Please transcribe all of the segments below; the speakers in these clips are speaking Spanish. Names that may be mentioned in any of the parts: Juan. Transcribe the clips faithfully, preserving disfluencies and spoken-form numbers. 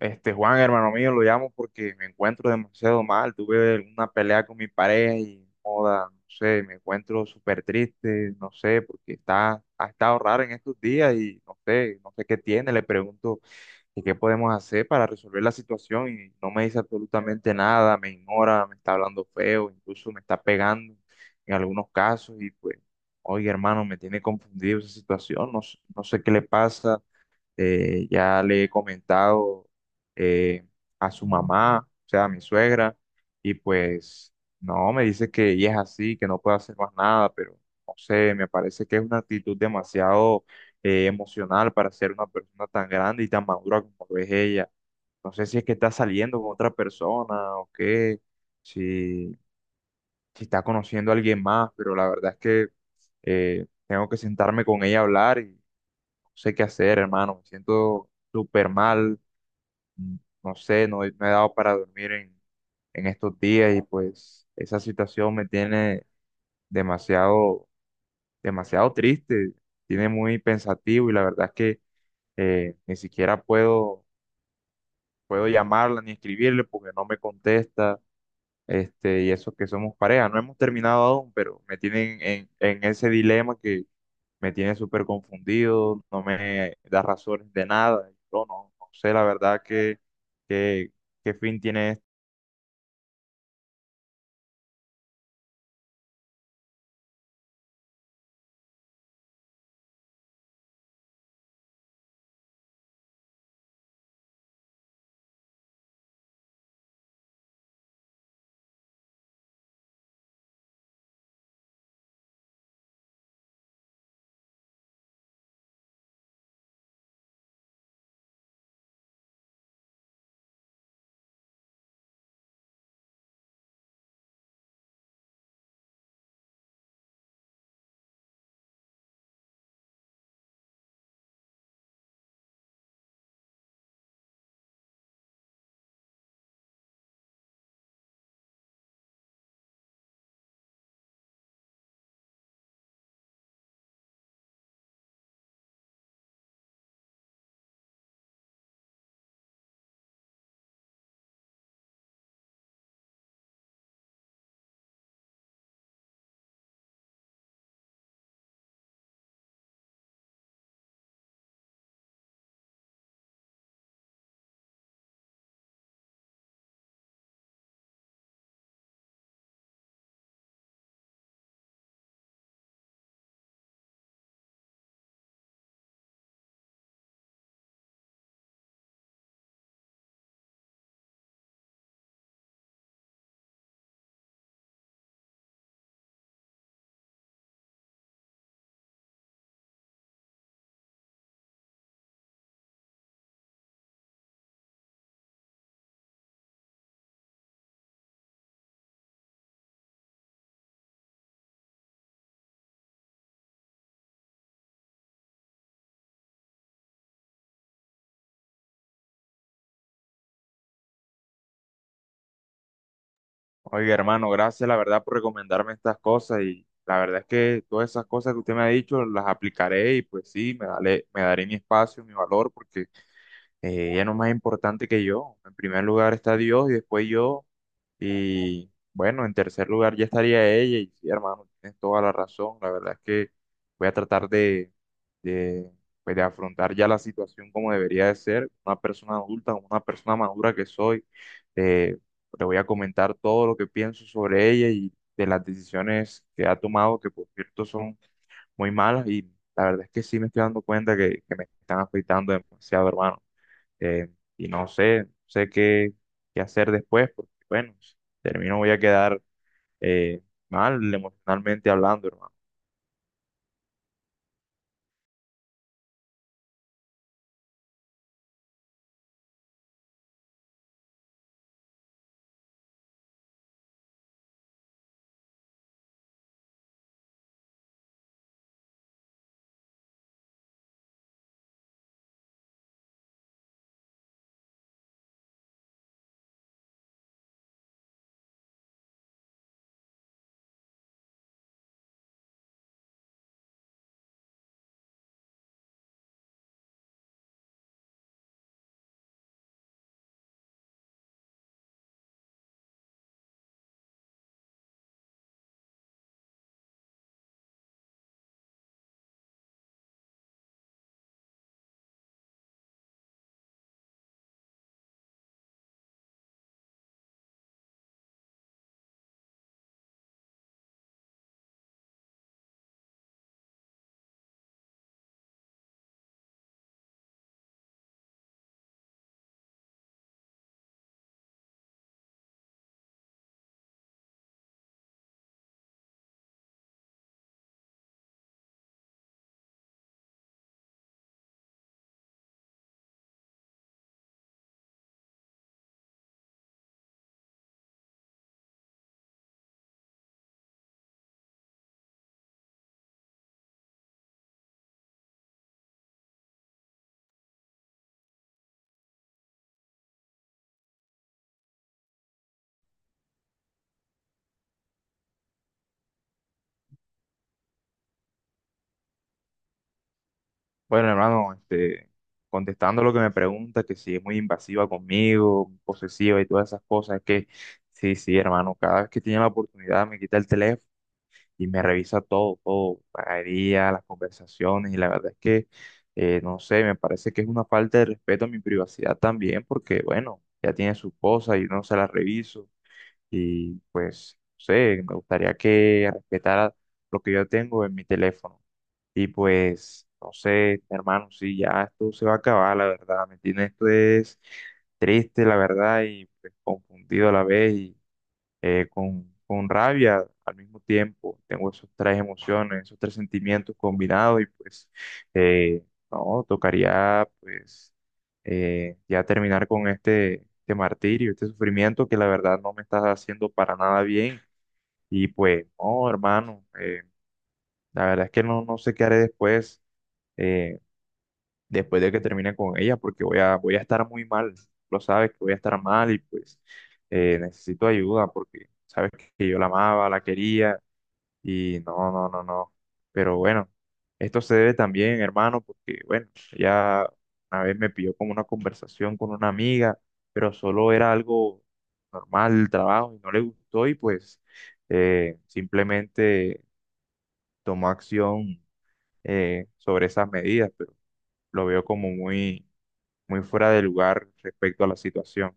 Este, Juan, hermano mío, lo llamo porque me encuentro demasiado mal. Tuve una pelea con mi pareja y, joda, no sé, me encuentro súper triste, no sé, porque está, ha estado raro en estos días y no sé, no sé qué tiene. Le pregunto que qué podemos hacer para resolver la situación y no me dice absolutamente nada, me ignora, me está hablando feo, incluso me está pegando en algunos casos y pues, oye, hermano, me tiene confundido esa situación, no, s- no sé qué le pasa. Eh, ya le he comentado eh, a su mamá, o sea, a mi suegra, y pues no, me dice que ella es así, que no puede hacer más nada, pero no sé, me parece que es una actitud demasiado eh, emocional para ser una persona tan grande y tan madura como lo es ella. No sé si es que está saliendo con otra persona o qué, si, si está conociendo a alguien más, pero la verdad es que eh, tengo que sentarme con ella a hablar y sé qué hacer, hermano. Me siento súper mal. mm, No sé, no, he- no he dado para dormir en, en estos días y pues esa situación me tiene demasiado, demasiado triste, tiene muy pensativo y la verdad es que eh, ni siquiera puedo, puedo llamarla ni escribirle porque no me contesta. Este, y eso que somos pareja, no hemos terminado aún, pero me tienen en, en ese dilema, me tiene súper confundido, no me da razones de nada. Yo no, no sé la verdad que, que- qué fin tiene esto. Oiga, hermano, gracias la verdad por recomendarme estas cosas y la verdad es que todas esas cosas que usted me ha dicho las aplicaré y pues sí, me, dale- me daré mi espacio, mi valor, porque eh, ella no es más importante que yo. En primer lugar está Dios y después yo. Y bueno, en tercer lugar ya estaría ella. Y sí, hermano, tienes toda la razón. La verdad es que voy a tratar de, de, pues, de afrontar ya la situación como debería de ser. Una persona adulta, como una persona madura que soy. Eh, Le voy a comentar todo lo que pienso sobre ella y de las decisiones que ha tomado, que por cierto son muy malas. Y la verdad es que sí me estoy dando cuenta que, que me están afectando demasiado, hermano. eh, y no sé, no sé qué, qué hacer después, porque bueno, si termino voy a quedar eh, mal emocionalmente hablando, hermano. Bueno, hermano, este, contestando lo que me pregunta, que si es muy invasiva conmigo, posesiva y todas esas cosas, es que sí, sí, hermano, cada vez que tiene la oportunidad me quita el teléfono y me revisa todo, todo, la día, las conversaciones, y la verdad es que, eh, no sé, me parece que es una falta de respeto a mi privacidad también, porque bueno, ya tiene su esposa y yo no se la reviso. Y pues, no sé, me gustaría que respetara lo que yo tengo en mi teléfono. Y pues, no sé, hermano, sí, ya esto se va a acabar, la verdad, ¿me entiendes? Esto es triste, la verdad, y pues, confundido a la vez. Y eh, con, con rabia al mismo tiempo. Tengo esos tres emociones, esos tres sentimientos combinados y pues eh, no, tocaría pues eh, ya terminar con este, este martirio, este sufrimiento que la verdad no me está haciendo para nada bien. Y pues, no, hermano, eh, la verdad es que no, no sé qué haré después. Eh, Después de que termine con ella, porque voy a, voy a estar muy mal, lo sabes que voy a estar mal y pues eh, necesito ayuda porque sabes que yo la amaba, la quería y no, no, no, no. Pero bueno, esto se debe también, hermano, porque bueno, ya una vez me pidió como una conversación con una amiga, pero solo era algo normal el trabajo y no le gustó y pues eh, simplemente tomó acción eh, sobre esas medidas, pero lo veo como muy muy fuera de lugar respecto a la situación.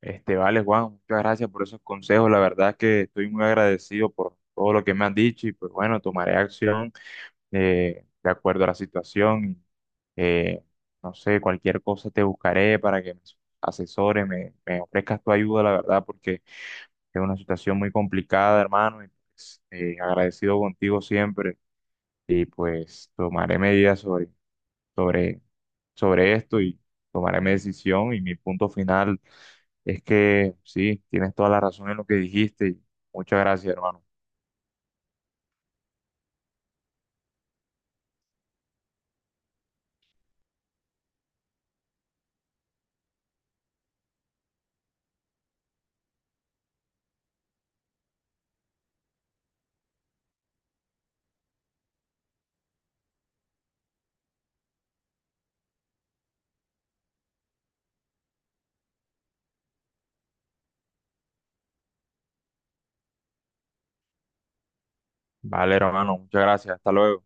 Este, vale, Juan, muchas gracias por esos consejos. La verdad es que estoy muy agradecido por todo lo que me han dicho y pues bueno, tomaré acción eh, de acuerdo a la situación. Eh, no sé, cualquier cosa te buscaré para que me asesores, me, me ofrezcas tu ayuda, la verdad, porque es una situación muy complicada, hermano, y pues, eh, agradecido contigo siempre y pues tomaré medidas sobre sobre, sobre esto y tomaré mi decisión y mi punto final es que sí, tienes toda la razón en lo que dijiste y muchas gracias, hermano. Vale, hermano, muchas gracias. Hasta luego.